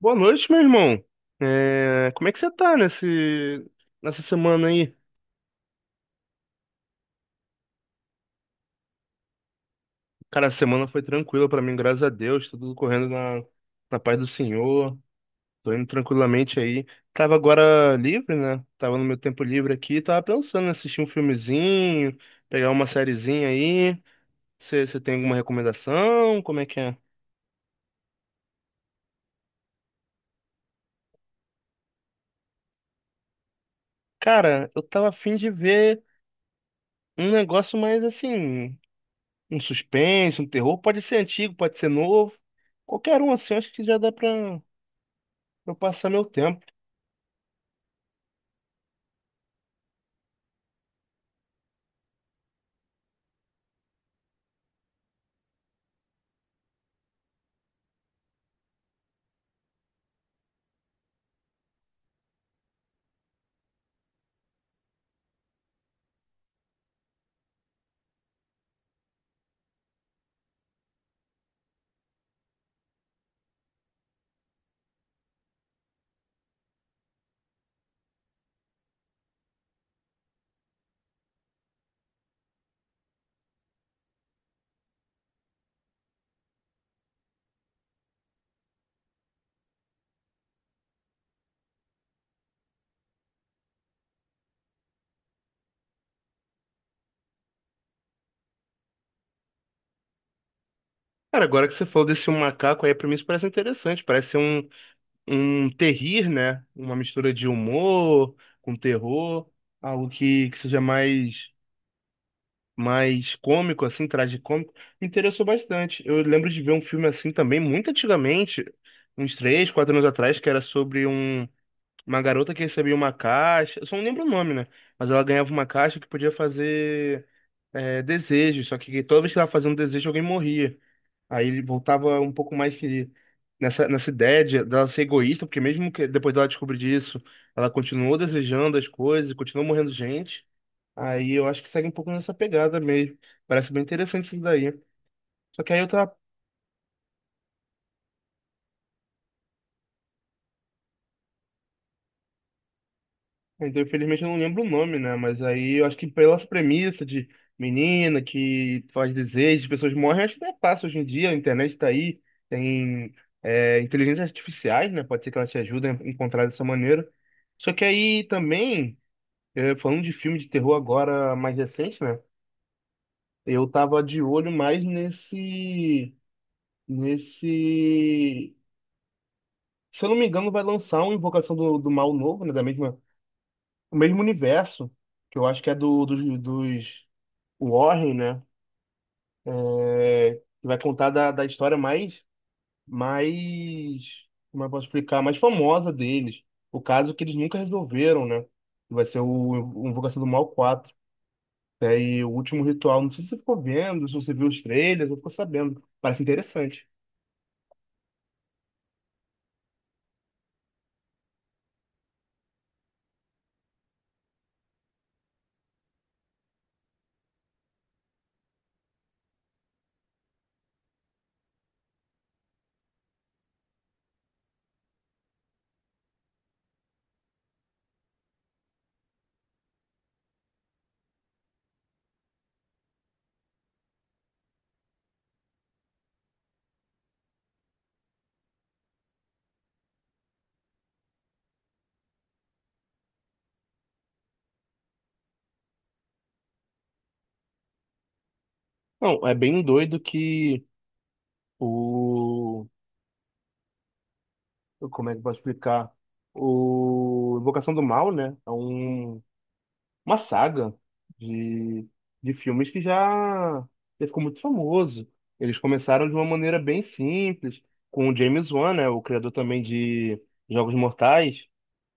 Boa noite, meu irmão. Como é que você tá nessa semana aí? Cara, a semana foi tranquila pra mim, graças a Deus. Tá tudo correndo na paz do Senhor. Tô indo tranquilamente aí. Tava agora livre, né? Tava no meu tempo livre aqui. Tava pensando em assistir um filmezinho, pegar uma sériezinha aí. Você tem alguma recomendação? Como é que é? Cara, eu tava afim de ver um negócio mais assim. Um suspense, um terror, pode ser antigo, pode ser novo. Qualquer um assim, eu acho que já dá pra eu passar meu tempo. Cara, agora que você falou desse um macaco aí, pra mim isso parece interessante. Parece ser um terrir, né? Uma mistura de humor com terror, algo que seja mais cômico, assim, tragicômico. Me interessou bastante. Eu lembro de ver um filme assim também, muito antigamente, uns três, quatro anos atrás, que era sobre um. Uma garota que recebia uma caixa, eu só não lembro o nome, né? Mas ela ganhava uma caixa que podia fazer desejos, só que toda vez que ela fazia um desejo, alguém morria. Aí ele voltava um pouco mais que nessa ideia de- dela ser egoísta, porque mesmo que depois dela descobrir disso, ela continuou desejando as coisas, e continuou morrendo gente. Aí eu acho que segue um pouco nessa pegada mesmo. Parece bem interessante isso daí. Só que aí eu tava. Então, infelizmente, eu não lembro o nome, né? Mas aí eu acho que pelas premissas de menina que faz desejo, pessoas morrem, acho que não é fácil hoje em dia, a internet tá aí, tem inteligências artificiais, né? Pode ser que ela te ajude a encontrar dessa maneira. Só que aí também, falando de filme de terror agora mais recente, né? Eu tava de olho mais nesse... Se eu não me engano, vai lançar uma Invocação do Mal novo, né? Da mesma, o mesmo universo, que eu acho que é dos Warren, né? É, que vai contar da história mais, como eu posso explicar, mais famosa deles. O caso que eles nunca resolveram, né? Que vai ser o Invocação do Mal quatro, e o último ritual, não sei se você ficou vendo, se você viu os trailers, ou ficou sabendo. Parece interessante. Não, é bem doido que o. Como é que eu posso explicar? O Invocação do Mal, né? É um uma saga de, de filmes que já ficou muito famoso. Eles começaram de uma maneira bem simples, com o James Wan, né, o criador também de Jogos Mortais,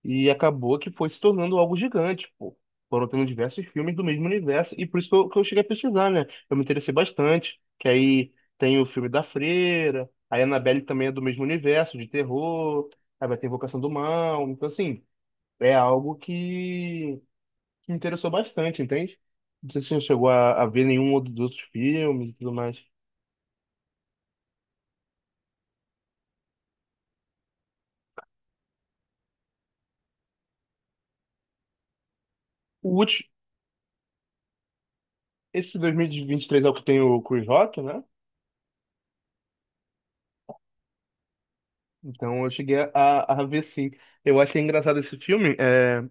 e acabou que foi se tornando algo gigante, pô. Foram tendo diversos filmes do mesmo universo, e por isso que eu cheguei a pesquisar, né? Eu me interessei bastante, que aí tem o filme da Freira, a Annabelle também é do mesmo universo, de terror, aí vai ter Invocação do Mal, então assim, é algo que me interessou bastante, entende? Não sei se você chegou a ver nenhum outro dos outros filmes e tudo mais. O último, esse 2023 é o que tem o Chris Rock, né? Então eu cheguei a ver sim. Eu achei engraçado esse filme. É...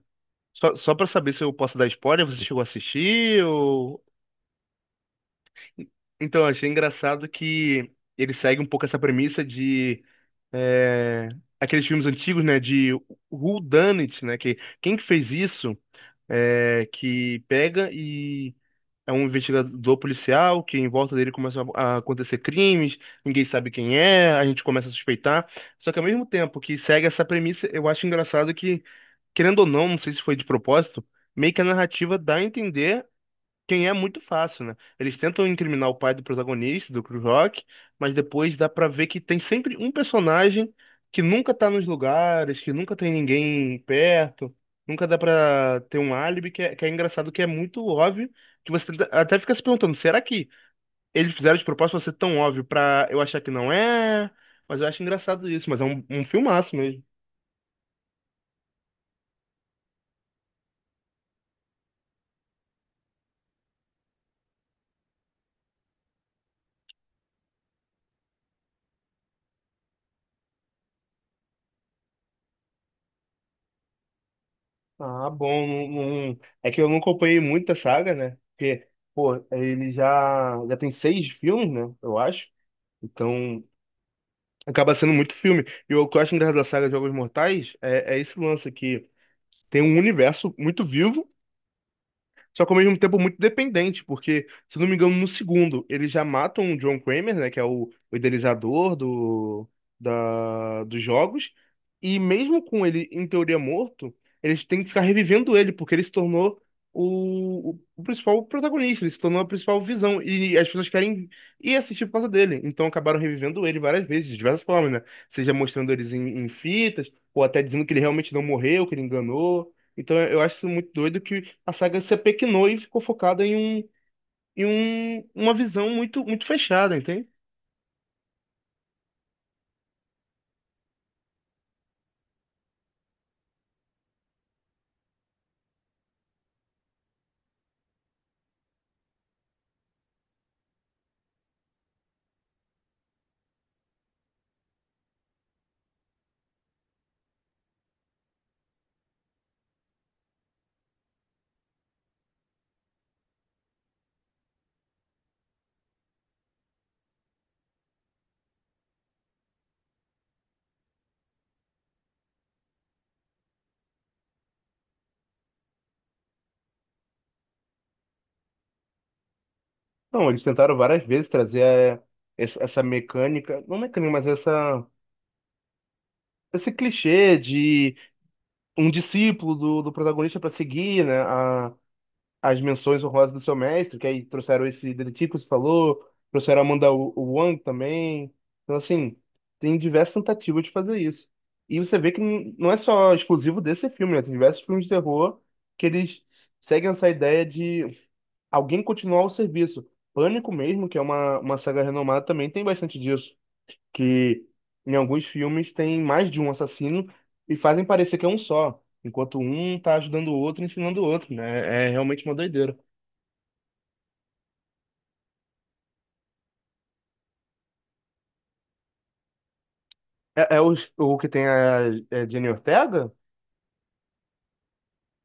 Só para saber se eu posso dar spoiler, você chegou a assistir ou... Então, eu achei engraçado que ele segue um pouco essa premissa de é, aqueles filmes antigos, né? De Who Done It, né? Que, quem que fez isso? Que pega e é um investigador policial que em volta dele começam a acontecer crimes, ninguém sabe quem é, a gente começa a suspeitar. Só que ao mesmo tempo que segue essa premissa, eu acho engraçado que, querendo ou não, não sei se foi de propósito, meio que a narrativa dá a entender quem é muito fácil, né? Eles tentam incriminar o pai do protagonista, do Chris Rock, mas depois dá pra ver que tem sempre um personagem que nunca tá nos lugares, que nunca tem ninguém perto, nunca dá pra ter um álibi, que é engraçado, que é muito óbvio, que você tenta- até fica se perguntando, será que eles fizeram de propósito pra ser tão óbvio pra eu achar que não é? Mas eu acho engraçado isso, mas é um filmaço mesmo. Ah, bom. Não- não- é que eu não acompanhei muita saga, né? Porque, pô, ele já tem seis filmes, né? Eu acho. Então, acaba sendo muito filme. E o que eu acho engraçado da saga Jogos Mortais é esse lance que tem um universo muito vivo. Só que ao mesmo tempo muito dependente, porque, se não me engano, no segundo, eles já matam o John Kramer, né, que é o idealizador dos jogos, e mesmo com ele, em teoria, morto, eles têm que ficar revivendo ele, porque ele se tornou o principal protagonista, ele se tornou a principal visão, e as pessoas querem ir assistir por causa dele, então acabaram revivendo ele várias vezes, de diversas formas, né, seja mostrando eles em fitas, ou até dizendo que ele realmente não morreu, que ele enganou, então eu acho isso muito doido que a saga se apequenou e ficou focada uma visão muito fechada, entende? Não, eles tentaram várias vezes trazer essa mecânica, não mecânica, mas essa, esse clichê de um discípulo do protagonista para seguir, né, a, as menções honrosas do seu mestre, que aí trouxeram esse detetive que você falou, trouxeram a Amanda Wa- Wang também. Então, assim, tem diversas tentativas de fazer isso. E você vê que n- não é só exclusivo desse filme, né? Tem diversos filmes de terror que eles seguem essa ideia de alguém continuar o serviço. Pânico mesmo, que é uma saga renomada, também tem bastante disso. Que em alguns filmes tem mais de um assassino e fazem parecer que é um só. Enquanto um tá ajudando o outro, ensinando o outro, né? É realmente uma doideira. É, é o que tem a, é Jenny Ortega?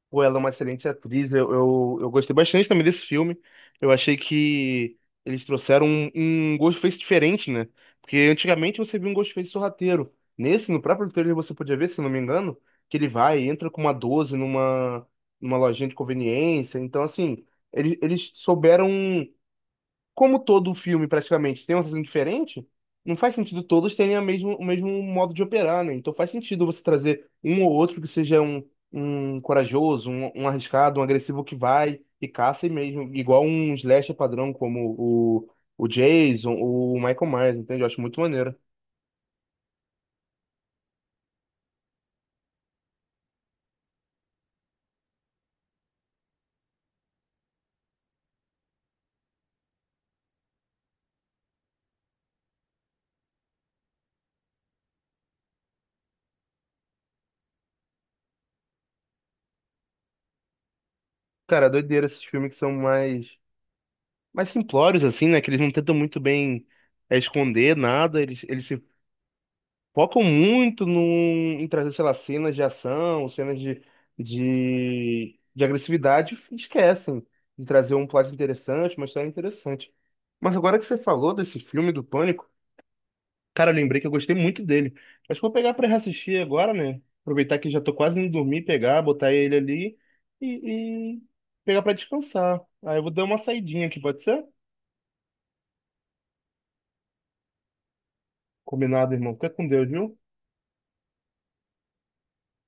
Pô, ela é uma excelente atriz. Eu gostei bastante também desse filme. Eu achei que eles trouxeram um Ghostface diferente, né? Porque antigamente você via um Ghostface sorrateiro. Nesse, no próprio trailer, você podia ver, se não me engano, que ele vai e entra com uma 12 numa lojinha de conveniência. Então, assim, eles souberam como todo filme praticamente tem uma sessão diferente, não faz sentido todos terem a mesmo, o mesmo modo de operar, né? Então faz sentido você trazer um ou outro que seja um corajoso, um arriscado, um agressivo que vai e caça e mesmo, igual um slasher padrão como o Jason, ou o Michael Myers, entende? Eu acho muito maneiro. Cara, é doideira esses filmes que são mais simplórios, assim, né? Que eles não tentam muito bem esconder nada, eles se focam muito num, em trazer, sei lá, cenas de ação, cenas de agressividade, e esquecem de trazer um plot interessante, uma história interessante. Mas agora que você falou desse filme do Pânico, cara, eu lembrei que eu gostei muito dele. Acho que vou pegar pra reassistir agora, né? Aproveitar que já tô quase indo dormir, pegar, botar ele ali e pegar pra descansar. Aí eu vou dar uma saidinha aqui, pode ser? Combinado, irmão. Fica com Deus, viu?